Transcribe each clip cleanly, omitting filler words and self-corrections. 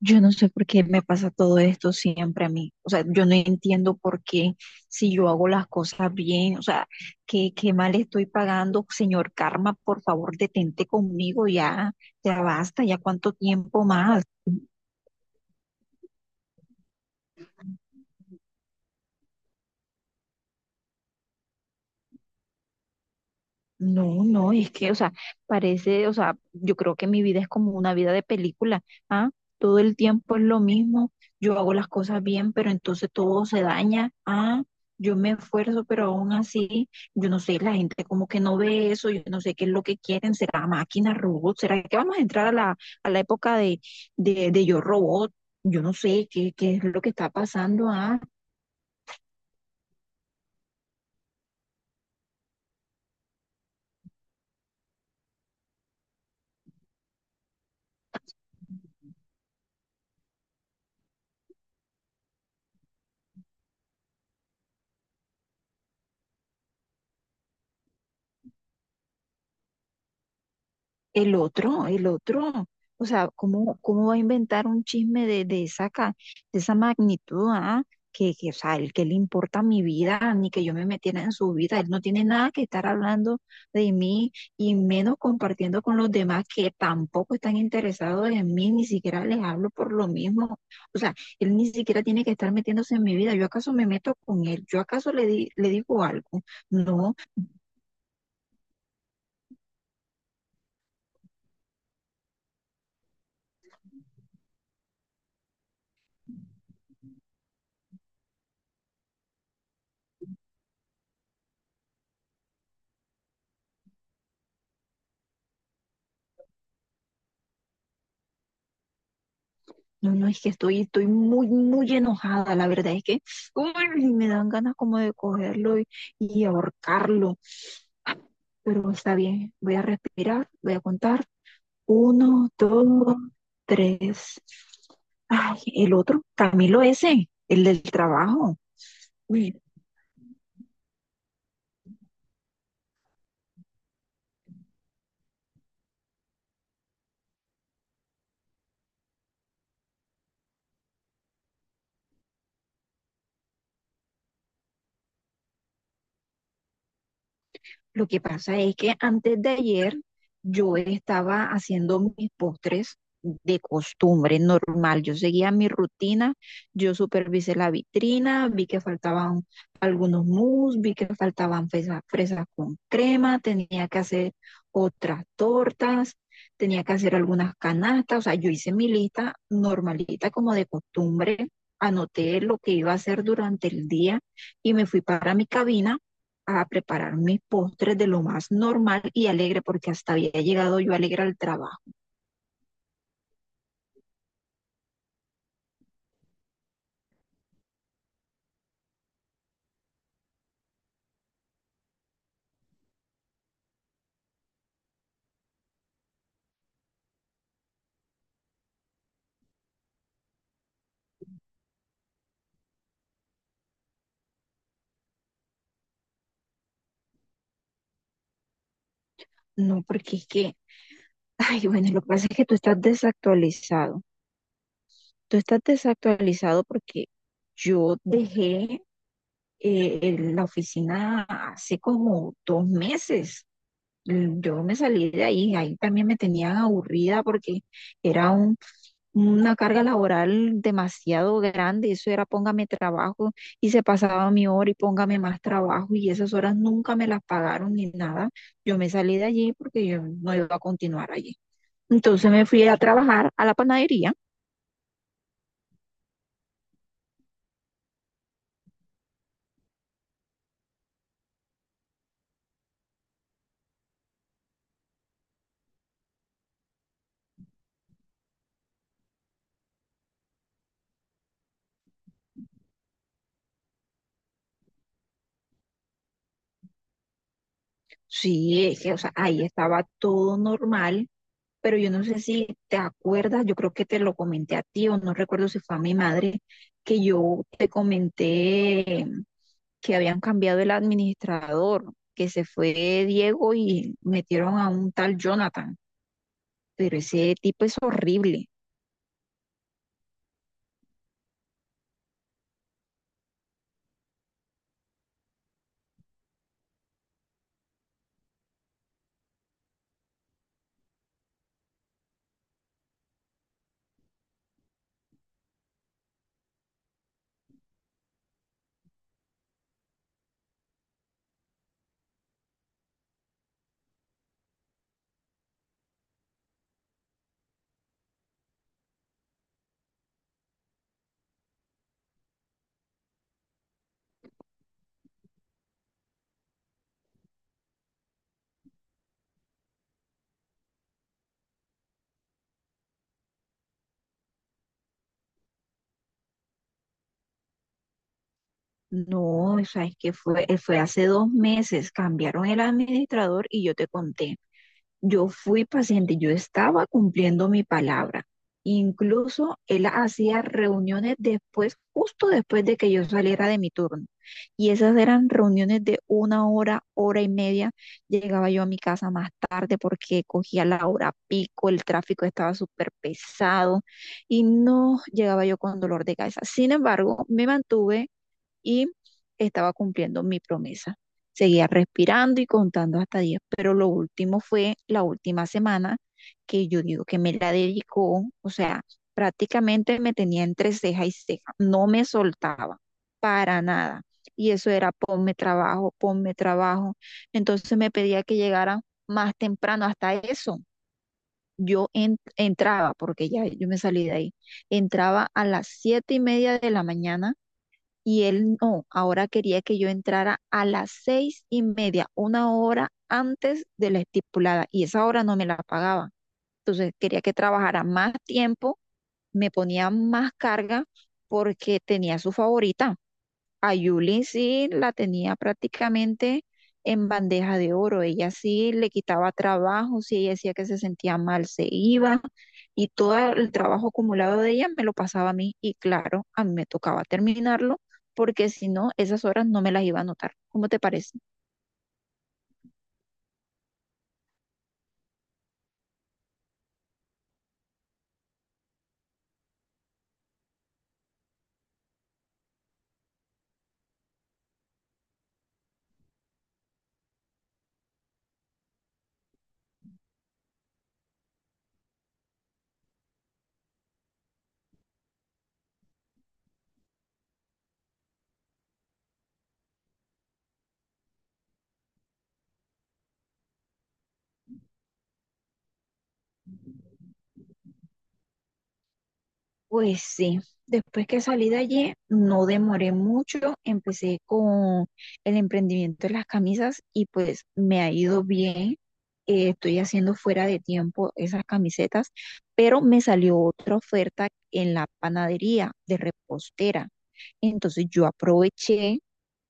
Yo no sé por qué me pasa todo esto siempre a mí. O sea, yo no entiendo por qué si yo hago las cosas bien, o sea, qué mal estoy pagando. Señor Karma, por favor, detente conmigo ya, ya basta, ya cuánto tiempo más. No, no, es que, o sea, parece, o sea, yo creo que mi vida es como una vida de película, ¿ah? Todo el tiempo es lo mismo, yo hago las cosas bien, pero entonces todo se daña, ¿ah? Yo me esfuerzo, pero aún así, yo no sé, la gente como que no ve eso, yo no sé qué es lo que quieren, será máquina, robot, será que vamos a entrar a la época de, de yo robot, yo no sé qué es lo que está pasando, ¿ah? El otro, el otro. O sea, ¿cómo va a inventar un chisme de de esa magnitud? ¿Ah? Que, o sea, el que le importa mi vida, ni que yo me metiera en su vida. Él no tiene nada que estar hablando de mí y menos compartiendo con los demás que tampoco están interesados en mí, ni siquiera les hablo por lo mismo. O sea, él ni siquiera tiene que estar metiéndose en mi vida. ¿Yo acaso me meto con él? ¿Yo acaso le digo algo? No. No, no, es que estoy muy, muy enojada, la verdad es que uy, me dan ganas como de cogerlo y ahorcarlo. Ah, pero está bien, voy a respirar, voy a contar. Uno, dos, tres. Ay, el otro, Camilo ese, el del trabajo. Uy, lo que pasa es que antes de ayer yo estaba haciendo mis postres de costumbre, normal. Yo seguía mi rutina, yo supervisé la vitrina, vi que faltaban algunos mousse, vi que faltaban fresas, fresas con crema, tenía que hacer otras tortas, tenía que hacer algunas canastas, o sea, yo hice mi lista normalita como de costumbre, anoté lo que iba a hacer durante el día y me fui para mi cabina a preparar mis postres de lo más normal y alegre, porque hasta había llegado yo alegre al trabajo. No, porque es que, ay, bueno, lo que pasa es que tú estás desactualizado. Tú estás desactualizado porque yo dejé eh, la oficina hace como 2 meses. Yo me salí de ahí, ahí también me tenían aburrida porque era un una carga laboral demasiado grande. Eso era póngame trabajo y se pasaba mi hora y póngame más trabajo y esas horas nunca me las pagaron ni nada. Yo me salí de allí porque yo no iba a continuar allí. Entonces me fui a trabajar a la panadería. Sí, es que, o sea, ahí estaba todo normal, pero yo no sé si te acuerdas, yo creo que te lo comenté a ti o no recuerdo si fue a mi madre, que yo te comenté que habían cambiado el administrador, que se fue Diego y metieron a un tal Jonathan, pero ese tipo es horrible. No, o sea, es que fue hace 2 meses, cambiaron el administrador y yo te conté. Yo fui paciente, yo estaba cumpliendo mi palabra. Incluso él hacía reuniones después, justo después de que yo saliera de mi turno. Y esas eran reuniones de 1 hora, hora y media. Llegaba yo a mi casa más tarde porque cogía la hora pico, el tráfico estaba súper pesado y no llegaba yo con dolor de cabeza. Sin embargo, me mantuve y estaba cumpliendo mi promesa. Seguía respirando y contando hasta 10, pero lo último fue la última semana que yo digo que me la dedicó, o sea, prácticamente me tenía entre ceja y ceja, no me soltaba para nada. Y eso era ponme trabajo, ponme trabajo. Entonces me pedía que llegara más temprano, hasta eso. Yo entraba, porque ya yo me salí de ahí, entraba a las 7:30 de la mañana y él no, ahora quería que yo entrara a las 6:30, 1 hora antes de la estipulada, y esa hora no me la pagaba. Entonces quería que trabajara más tiempo, me ponía más carga porque tenía su favorita. A Yulin sí la tenía prácticamente en bandeja de oro. Ella sí le quitaba trabajo, si ella decía que se sentía mal, se iba y todo el trabajo acumulado de ella me lo pasaba a mí y claro, a mí me tocaba terminarlo porque si no, esas horas no me las iba a anotar. ¿Cómo te parece? Pues sí, después que salí de allí, no demoré mucho, empecé con el emprendimiento de las camisas y pues me ha ido bien. Estoy haciendo fuera de tiempo esas camisetas, pero me salió otra oferta en la panadería de repostera. Entonces yo aproveché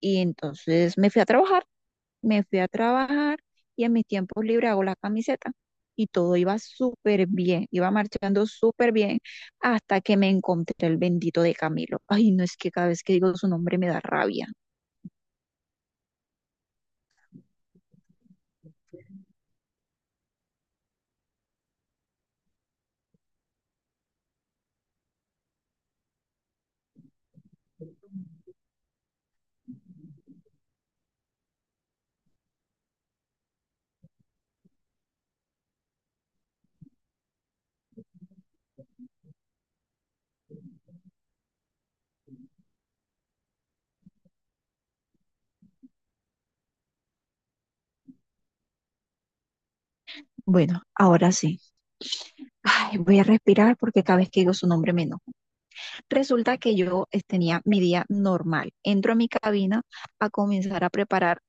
y entonces me fui a trabajar. me fui a trabajar y en mis tiempos libres hago la camiseta. Y todo iba súper bien, iba marchando súper bien hasta que me encontré el bendito de Camilo. Ay, no, es que cada vez que digo su nombre me da rabia. Bueno, ahora sí. Ay, voy a respirar porque cada vez que digo su nombre me enojo. Resulta que yo tenía mi día normal. Entro a mi cabina a comenzar a preparar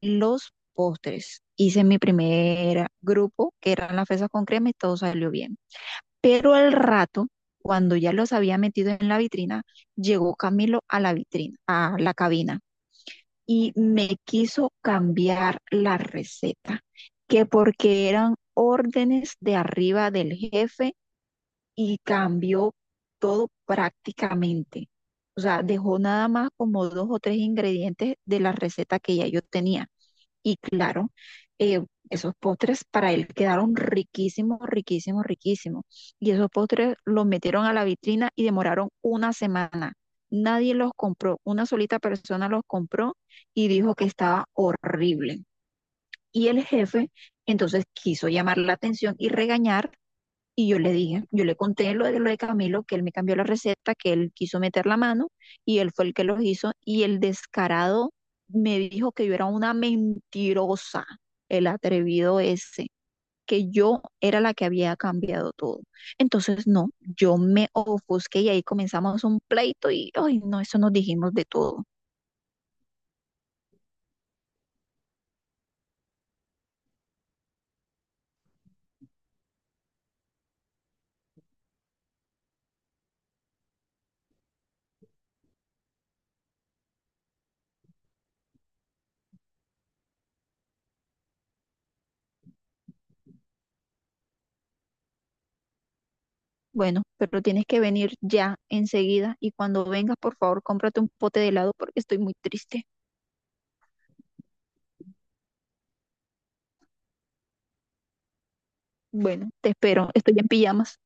los postres. Hice mi primer grupo, que eran las fresas con crema, y todo salió bien. Pero al rato, cuando ya los había metido en la vitrina, llegó Camilo a la vitrina, a la cabina, y me quiso cambiar la receta, que porque eran órdenes de arriba del jefe y cambió todo prácticamente. O sea, dejó nada más como 2 o 3 ingredientes de la receta que ya yo tenía. Y claro, eh, esos postres para él quedaron riquísimos, riquísimos, riquísimos. Y esos postres los metieron a la vitrina y demoraron 1 semana. Nadie los compró, una solita persona los compró y dijo que estaba horrible. Y el jefe entonces quiso llamar la atención y regañar y yo le dije, yo le conté lo de Camilo, que él me cambió la receta, que él quiso meter la mano y él fue el que lo hizo. Y el descarado me dijo que yo era una mentirosa, el atrevido ese, que yo era la que había cambiado todo. Entonces, no, yo me ofusqué y ahí comenzamos un pleito y, ay, no, eso nos dijimos de todo. Bueno, pero tienes que venir ya enseguida y cuando vengas, por favor, cómprate un pote de helado porque estoy muy triste. Bueno, te espero, estoy en pijamas.